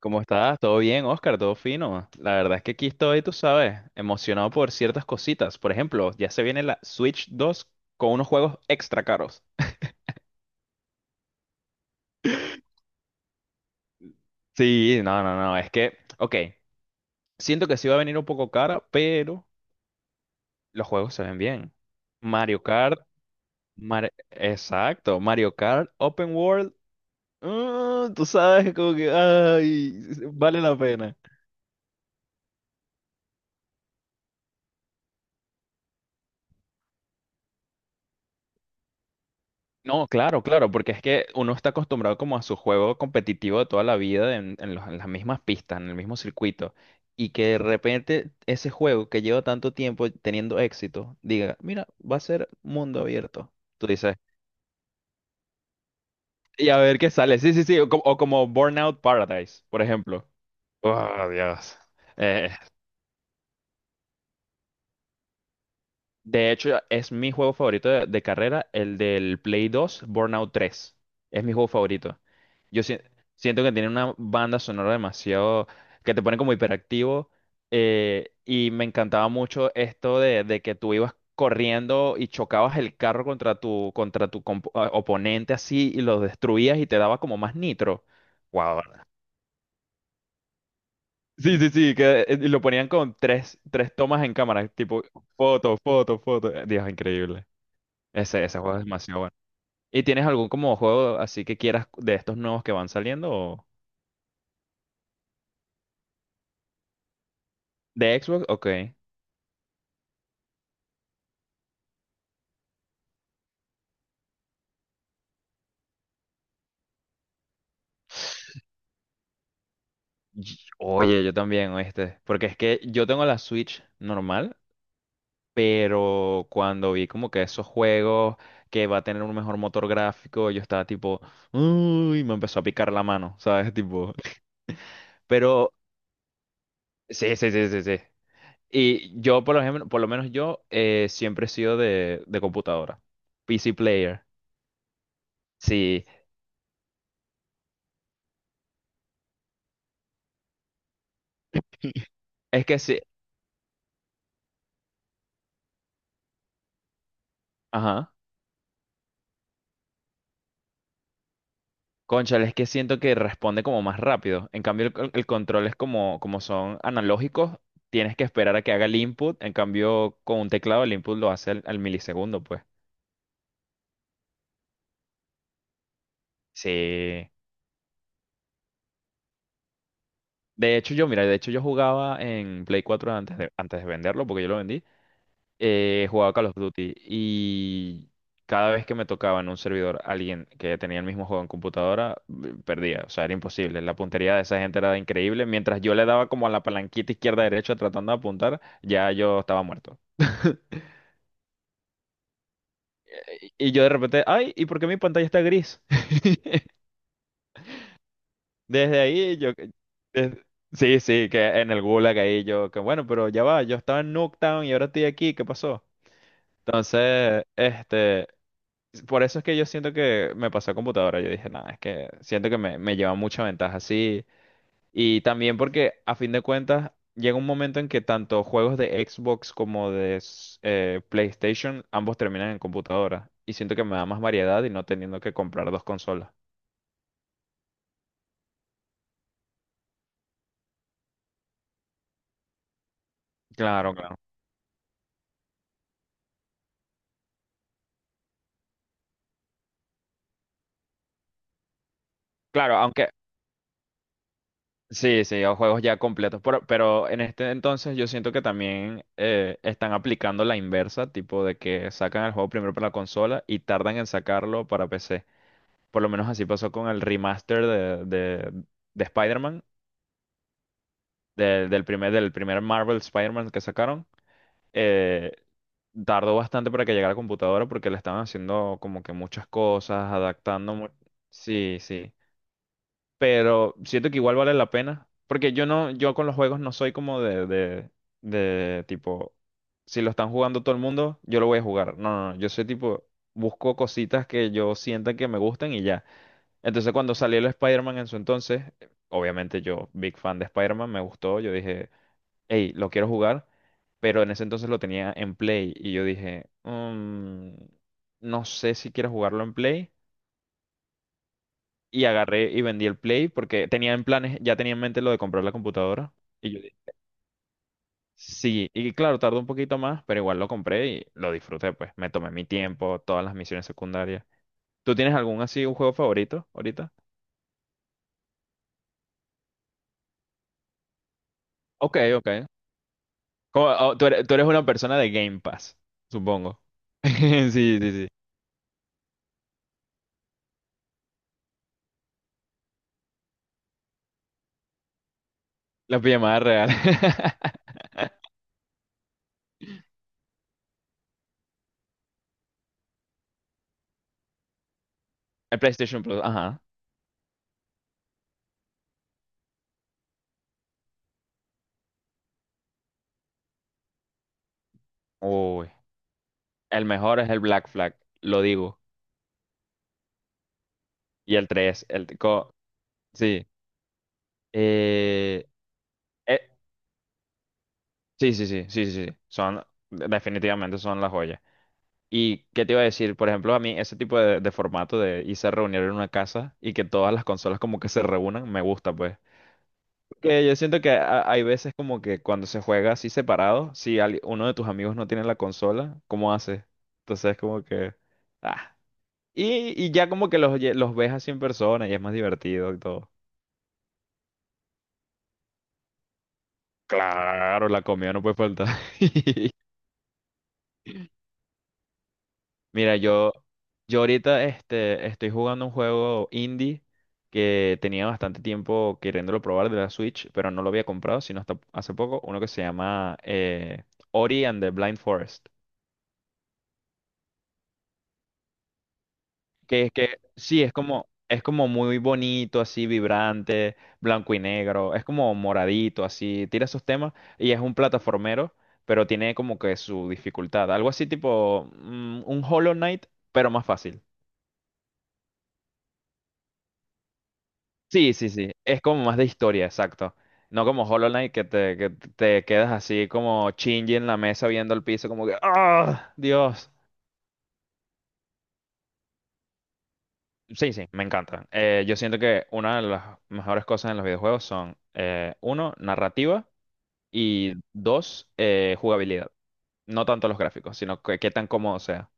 ¿Cómo estás? ¿Todo bien, Oscar? ¿Todo fino? La verdad es que aquí estoy, tú sabes, emocionado por ciertas cositas. Por ejemplo, ya se viene la Switch 2 con unos juegos extra caros. Sí, no, no, no, es que, ok, siento que sí va a venir un poco cara, pero los juegos se ven bien. Mario Kart, exacto, Mario Kart, Open World, tú sabes, como que, ay, vale la pena. No, claro, claro, porque es que uno está acostumbrado como a su juego competitivo de toda la vida en las mismas pistas, en el mismo circuito, y que de repente ese juego que lleva tanto tiempo teniendo éxito diga, mira, va a ser mundo abierto. Tú dices, y a ver qué sale. Sí, sí, sí, o como Burnout Paradise, por ejemplo. Oh, Dios. Eh, de hecho, es mi juego favorito de carrera, el del Play 2, Burnout 3. Es mi juego favorito. Yo si- Siento que tiene una banda sonora demasiado que te pone como hiperactivo y me encantaba mucho esto de que tú ibas corriendo y chocabas el carro contra tu oponente así y lo destruías y te daba como más nitro. Wow. Sí, sí, sí, que y lo ponían con tres tomas en cámara, tipo foto, foto, foto. Dios, increíble. Ese juego es demasiado bueno. ¿Y tienes algún como juego así que quieras de estos nuevos que van saliendo de Xbox? Ok. Oye, yo también, este, porque es que yo tengo la Switch normal, pero cuando vi como que esos juegos que va a tener un mejor motor gráfico, yo estaba tipo, uy, me empezó a picar la mano, ¿sabes? Tipo. Pero sí, sí, sí, sí, sí. Y yo, por ejemplo, por lo menos yo siempre he sido de computadora. PC player. Sí. Es que sí. Ajá. Cónchale, es que siento que responde como más rápido. En cambio, el control es como son analógicos, tienes que esperar a que haga el input. En cambio, con un teclado el input lo hace al milisegundo, pues. Sí. De hecho, yo, mira, de hecho yo jugaba en Play 4 antes de venderlo, porque yo lo vendí. Jugaba Call of Duty y cada vez que me tocaba en un servidor alguien que tenía el mismo juego en computadora, perdía. O sea, era imposible. La puntería de esa gente era increíble. Mientras yo le daba como a la palanquita izquierda-derecha tratando de apuntar, ya yo estaba muerto. Y yo de repente, ay, ¿y por qué mi pantalla está gris? Desde ahí yo... des- Sí, sí, que en el Gulag ahí yo, que bueno, pero ya va, yo estaba en Nuketown y ahora estoy aquí, ¿qué pasó? Entonces, por eso es que yo siento que me pasó a computadora. Yo dije, nada, es que siento que me lleva mucha ventaja así. Y también porque, a fin de cuentas, llega un momento en que tanto juegos de Xbox como de PlayStation, ambos terminan en computadora. Y siento que me da más variedad y no teniendo que comprar dos consolas. Claro, claro. Claro, aunque sí, sí, o juegos ya completos. Pero en este entonces yo siento que también están aplicando la inversa, tipo de que sacan el juego primero para la consola y tardan en sacarlo para PC. Por lo menos así pasó con el remaster de Spider-Man, del primer Marvel Spider-Man que sacaron. Eh, Tardó bastante para que llegara a la computadora porque le estaban haciendo como que muchas cosas, adaptando. Sí, sí. Pero siento que igual vale la pena. Porque yo no, yo con los juegos no soy como de tipo, si lo están jugando todo el mundo, yo lo voy a jugar. No, no, no. Yo soy tipo, busco cositas que yo sienta que me gustan y ya. Entonces cuando salió el Spider-Man en su entonces, obviamente yo, big fan de Spider-Man, me gustó, yo dije, hey, lo quiero jugar, pero en ese entonces lo tenía en Play y yo dije, "Mm, no sé si quiero jugarlo en Play". Y agarré y vendí el Play porque tenía en planes, ya tenía en mente lo de comprar la computadora. Y yo dije, sí, y claro, tardó un poquito más, pero igual lo compré y lo disfruté, pues me tomé mi tiempo, todas las misiones secundarias. ¿Tú tienes algún así, un juego favorito ahorita? Ok, ok. Oh, tú eres una persona de Game Pass, supongo. Sí, sí, sí. La pijamada real. El PlayStation Plus, ajá. Uy. El mejor es el Black Flag, lo digo. Y el tres, sí. Eh, eh, sí, sí, sí, sí, sí, sí. Son, definitivamente son las joyas. ¿Y qué te iba a decir? Por ejemplo, a mí ese tipo de formato de irse a reunir en una casa y que todas las consolas como que se reúnan, me gusta, pues. Que yo siento que hay veces como que cuando se juega así separado, si uno de tus amigos no tiene la consola, ¿cómo haces? Entonces como que... ah. Y ya como que los ves así en persona y es más divertido y todo. Claro, la comida no puede faltar. Mira, yo ahorita estoy jugando un juego indie que tenía bastante tiempo queriéndolo probar de la Switch, pero no lo había comprado, sino hasta hace poco, uno que se llama Ori and the Blind Forest. Que es que sí, es como muy bonito, así vibrante, blanco y negro, es como moradito, así, tira esos temas y es un plataformero, pero tiene como que su dificultad, algo así tipo un Hollow Knight, pero más fácil. Sí, sí, sí, es como más de historia, exacto. No como Hollow Knight que te quedas así como chingy en la mesa viendo el piso como que ¡ah! Dios. Sí, sí, me encanta. Yo siento que una de las mejores cosas en los videojuegos son, uno, narrativa. Y dos, jugabilidad. No tanto los gráficos, sino que, qué tan cómodo sea.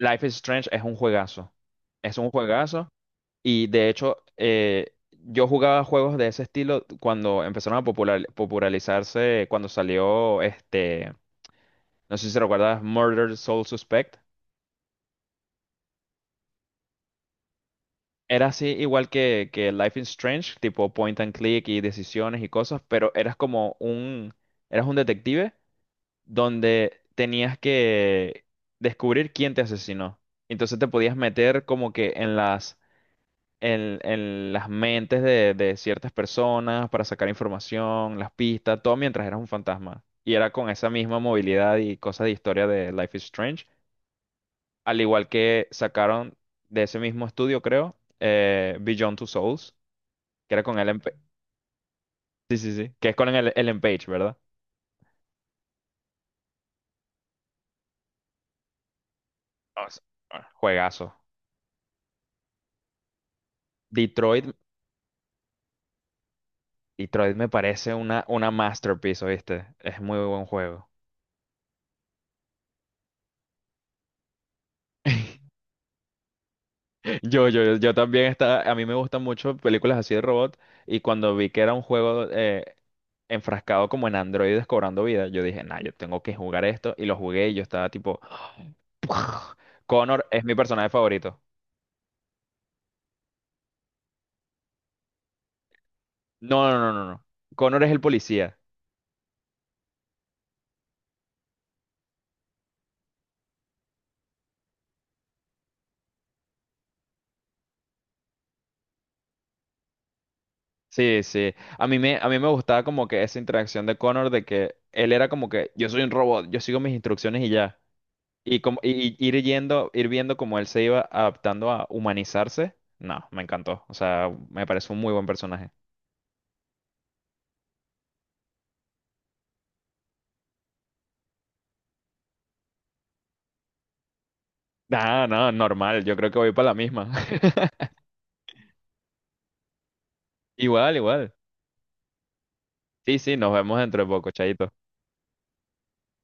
Life is Strange es un juegazo. Es un juegazo. Y de hecho, yo jugaba juegos de ese estilo cuando empezaron a popularizarse, cuando salió este, no sé si recuerdas, Murder Soul Suspect. Era así igual que Life is Strange, tipo point and click y decisiones y cosas, pero eras un detective donde tenías que descubrir quién te asesinó. Entonces te podías meter como que en las mentes de ciertas personas para sacar información, las pistas, todo mientras eras un fantasma. Y era con esa misma movilidad y cosas de historia de Life is Strange. Al igual que sacaron de ese mismo estudio, creo, Beyond Two Souls, que era con Ellen Page. Sí, sí, sí. Que es con el Ellen Page, ¿verdad? O sea, juegazo. Detroit. Y Troid me parece una masterpiece, ¿viste? Es muy buen juego. Yo también estaba a mí me gustan mucho películas así de robot, y cuando vi que era un juego enfrascado como en androides cobrando vida, yo dije, nah, yo tengo que jugar esto, y lo jugué y yo estaba tipo, Connor es mi personaje favorito. No, no, no, no, no. Connor es el policía. Sí, sí. A mí me gustaba como que esa interacción de Connor de que él era como que yo soy un robot, yo sigo mis instrucciones y ya. Y, como, y ir viendo cómo él se iba adaptando a humanizarse, no, me encantó. O sea, me parece un muy buen personaje. Ah, no, normal, yo creo que voy para la misma. Igual, igual. Sí, sí, nos vemos dentro de poco, chaito.